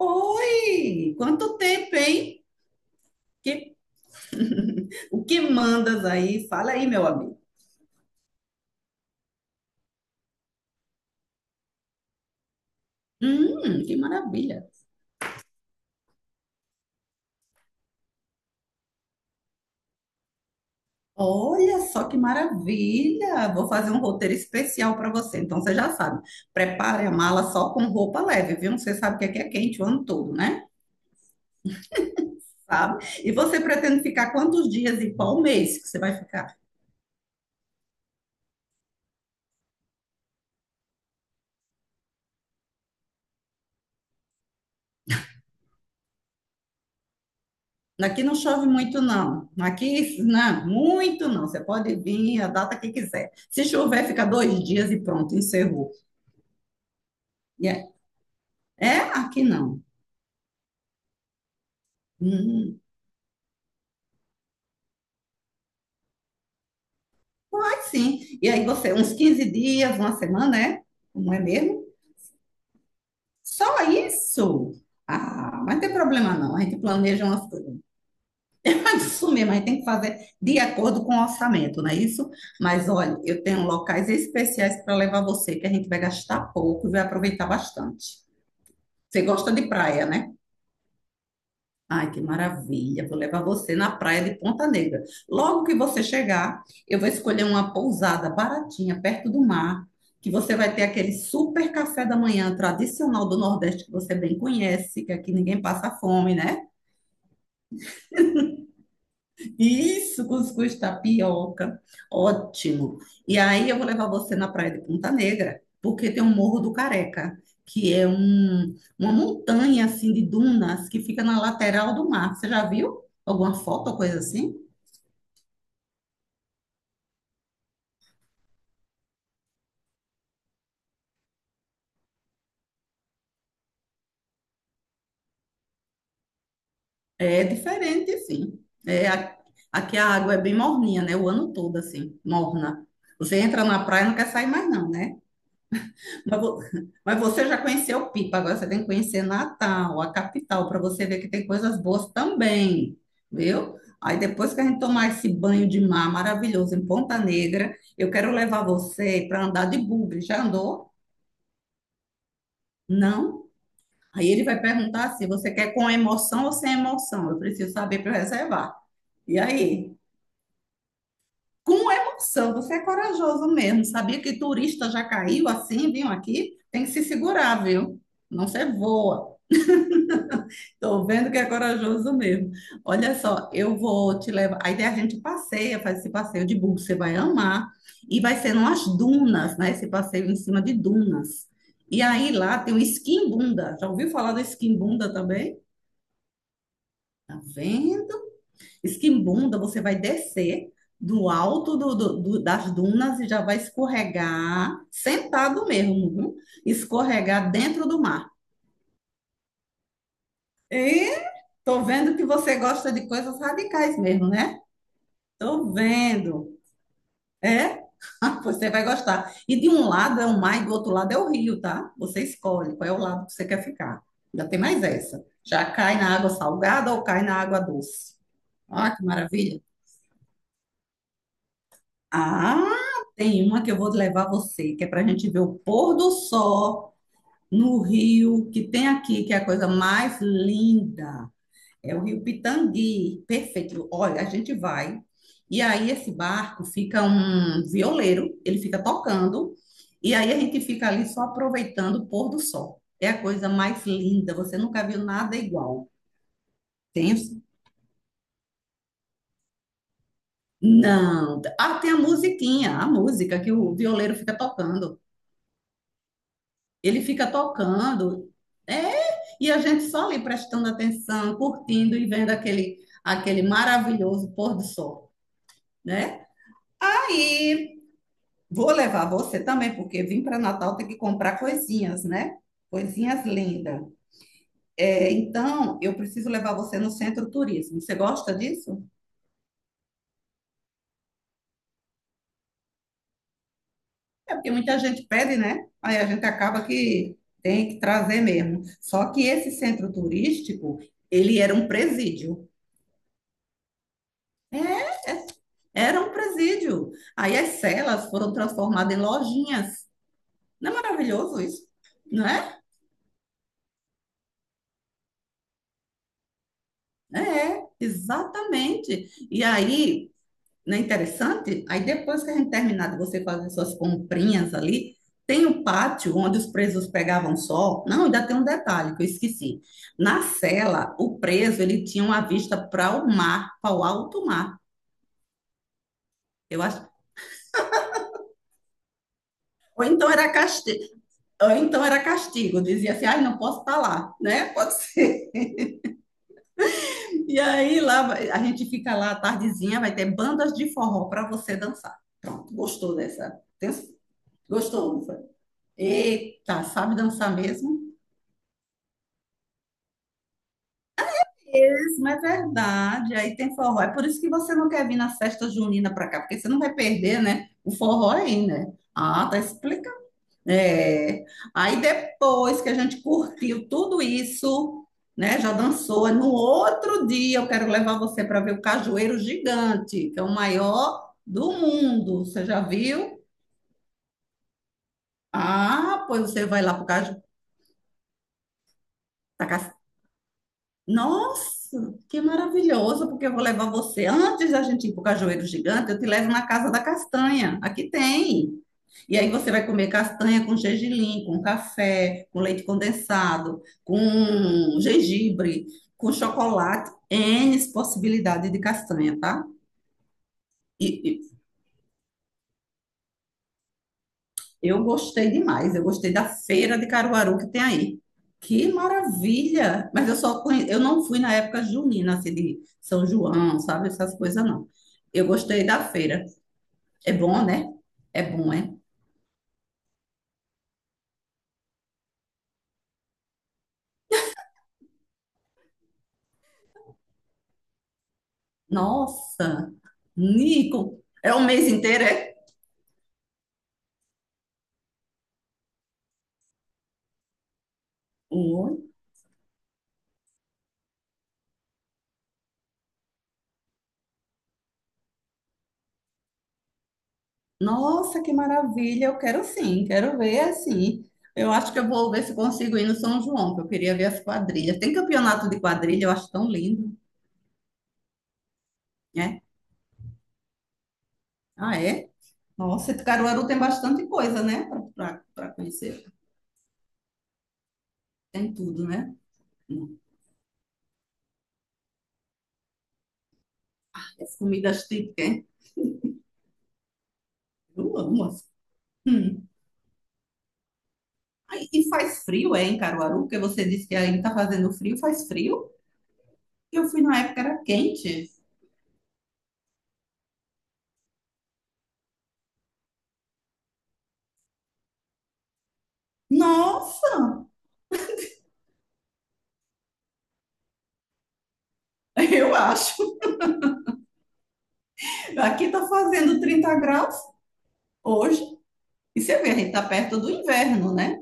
Oi! Quanto tempo, hein? Que- O que mandas aí? Fala aí, meu amigo. Que maravilha! Olha só que maravilha! Vou fazer um roteiro especial para você. Então você já sabe, prepare a mala só com roupa leve, viu? Você sabe que aqui é quente o ano todo, né? Sabe? E você pretende ficar quantos dias e qual mês que você vai ficar? Aqui não chove muito, não. Aqui, não, muito não. Você pode vir a data que quiser. Se chover, fica 2 dias e pronto, encerrou. E é, é, aqui não. Hum, mas sim. E aí você, uns 15 dias, uma semana, é? Não é mesmo? Só isso? Ah, mas não tem problema não. A gente planeja umas coisas. Mas isso mesmo, a gente tem que fazer de acordo com o orçamento, não é isso? Mas olha, eu tenho locais especiais para levar você, que a gente vai gastar pouco e vai aproveitar bastante. Você gosta de praia, né? Ai, que maravilha! Vou levar você na praia de Ponta Negra. Logo que você chegar, eu vou escolher uma pousada baratinha perto do mar, que você vai ter aquele super café da manhã tradicional do Nordeste que você bem conhece, que aqui ninguém passa fome, né? Isso, cuscuz tapioca. Ótimo. E aí eu vou levar você na praia de Ponta Negra, porque tem o Morro do Careca. Uma montanha assim de dunas que fica na lateral do mar. Você já viu alguma foto ou coisa assim? É diferente, assim. Aqui a água é bem morninha, né? O ano todo, assim, morna. Você entra na praia e não quer sair mais, não, né? Mas mas você já conheceu Pipa, agora você tem que conhecer Natal, a capital, para você ver que tem coisas boas também, viu? Aí depois que a gente tomar esse banho de mar maravilhoso em Ponta Negra, eu quero levar você para andar de bugre. Já andou? Não? Aí ele vai perguntar assim: você quer com emoção ou sem emoção? Eu preciso saber para reservar. E aí? Com emoção. Você é corajoso mesmo. Sabia que turista já caiu assim, vinham aqui? Tem que se segurar, viu? Não se voa. Tô vendo que é corajoso mesmo. Olha só, eu vou te levar. Aí a gente passeia, faz esse passeio de buggy, você vai amar. E vai ser nas dunas, né? Esse passeio em cima de dunas. E aí lá tem o esquimbunda. Já ouviu falar do esquimbunda também? Tá vendo? Esquimbunda, você vai descer do alto das dunas e já vai escorregar, sentado mesmo, viu? Escorregar dentro do mar. E tô vendo que você gosta de coisas radicais mesmo, né? Tô vendo. É? Você vai gostar. E de um lado é o mar e do outro lado é o rio, tá? Você escolhe qual é o lado que você quer ficar. Já tem mais essa. Já cai na água salgada ou cai na água doce? Ah, que maravilha. Ah, tem uma que eu vou levar você, que é para a gente ver o pôr do sol no rio que tem aqui, que é a coisa mais linda. É o Rio Pitangui. Perfeito. Olha, a gente vai. E aí esse barco fica um violeiro, ele fica tocando, e aí a gente fica ali só aproveitando o pôr do sol. É a coisa mais linda, você nunca viu nada igual. Tem... Não. Ah, tem a musiquinha, a música que o violeiro fica tocando. Ele fica tocando, é, e a gente só ali prestando atenção, curtindo e vendo aquele maravilhoso pôr do sol, né? Aí vou levar você também, porque vim para Natal tem que comprar coisinhas, né? Coisinhas lindas. É, então, eu preciso levar você no centro turismo. Você gosta disso? É porque muita gente pede, né? Aí a gente acaba que tem que trazer mesmo. Só que esse centro turístico, ele era um presídio. É, era um presídio. Aí as celas foram transformadas em lojinhas. Não é maravilhoso isso? Não é? É, exatamente. E aí, não é interessante? Aí depois que a gente terminar de você fazer suas comprinhas ali, tem o pátio onde os presos pegavam sol. Não, ainda tem um detalhe que eu esqueci. Na cela, o preso ele tinha uma vista para o mar, para o alto mar. Eu acho. Ou então era castigo, ou então era castigo, dizia assim, ai, não posso estar lá, né? Pode ser. E aí lá a gente fica lá à tardezinha, vai ter bandas de forró para você dançar. Pronto, gostou dessa? Gostou, não foi? Eita, sabe dançar mesmo? Isso, é verdade. Aí tem forró. É por isso que você não quer vir na festa junina para cá, porque você não vai perder, né? O forró aí, né? Ah, tá explicado. É. Aí depois que a gente curtiu tudo isso, né? Já dançou. No outro dia eu quero levar você para ver o Cajueiro Gigante, que é o maior do mundo. Você já viu? Ah, pois você vai lá pro Caju. tá ca- Nossa, que maravilhoso, porque eu vou levar você. Antes da gente ir pro Cajueiro Gigante, eu te levo na Casa da Castanha. Aqui tem. E aí você vai comer castanha com gergelim, com café, com leite condensado, com gengibre, com chocolate, N possibilidade de castanha, tá? E, e eu gostei demais, eu gostei da feira de Caruaru que tem aí. Que maravilha! Mas eu não fui na época junina, assim, de São João, sabe? Essas coisas não. Eu gostei da feira. É bom, né? É bom, é? Nossa! Nico! É um mês inteiro, é? Olha! Nossa, que maravilha! Eu quero sim, quero ver assim. Eu acho que eu vou ver se consigo ir no São João, que eu queria ver as quadrilhas. Tem campeonato de quadrilha, eu acho tão lindo, né? Ah, é? Nossa, Caruaru tem bastante coisa, né? Para conhecer. Tem tudo, né? Hum, as comidas típicas, hein? Eu amo. as- Hum. Ai, e faz frio, é, em Caruaru? Porque você disse que aí tá fazendo frio, faz frio? Eu fui na época, era quente. Nossa, eu acho. Aqui tá fazendo 30 graus. Hoje, e você vê, a gente está perto do inverno, né?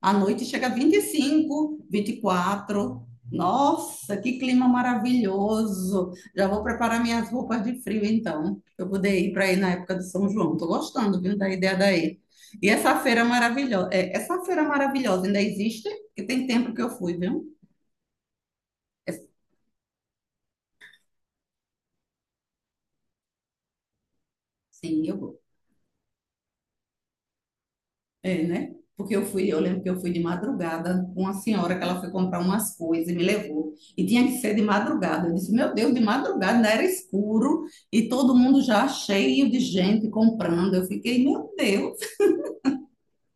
À noite chega a 25, 24. Nossa, que clima maravilhoso! Já vou preparar minhas roupas de frio, então, para eu poder ir para aí na época do São João. Tô gostando, viu, da ideia daí. E essa feira maravilhosa ainda existe? Que tem tempo que eu fui, viu? É- Sim, eu né? Porque eu fui, eu lembro que eu fui de madrugada com uma senhora que ela foi comprar umas coisas e me levou. E tinha que ser de madrugada. Eu disse, meu Deus, de madrugada ainda era escuro e todo mundo já cheio de gente comprando. Eu fiquei, meu Deus,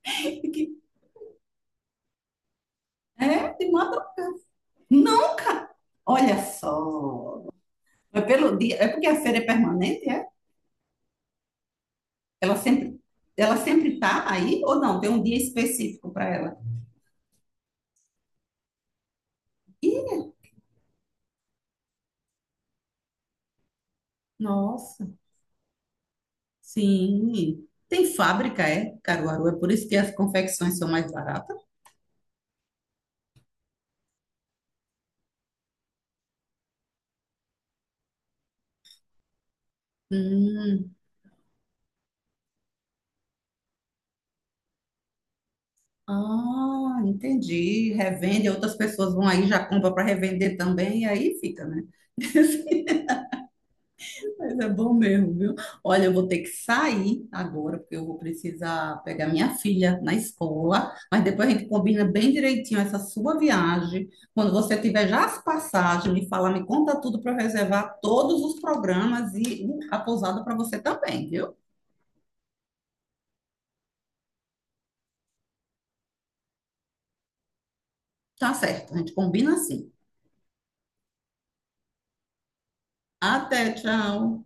que- é de madrugada. Nunca! Olha só. É pelo dia, é porque a feira é permanente, é? Ela sempre, ela sempre tá aí ou não? Tem um dia específico para ela. Nossa. Sim. Tem fábrica, é? Caruaru, é por isso que as confecções são mais baratas? Hum. Ah, entendi. Revende, outras pessoas vão aí, já compra para revender também, e aí fica, né? Mas é bom mesmo, viu? Olha, eu vou ter que sair agora, porque eu vou precisar pegar minha filha na escola. Mas depois a gente combina bem direitinho essa sua viagem. Quando você tiver já as passagens, me fala, me conta tudo para eu reservar todos os programas e a pousada para você também, viu? Tá certo, a gente combina assim. Até, tchau.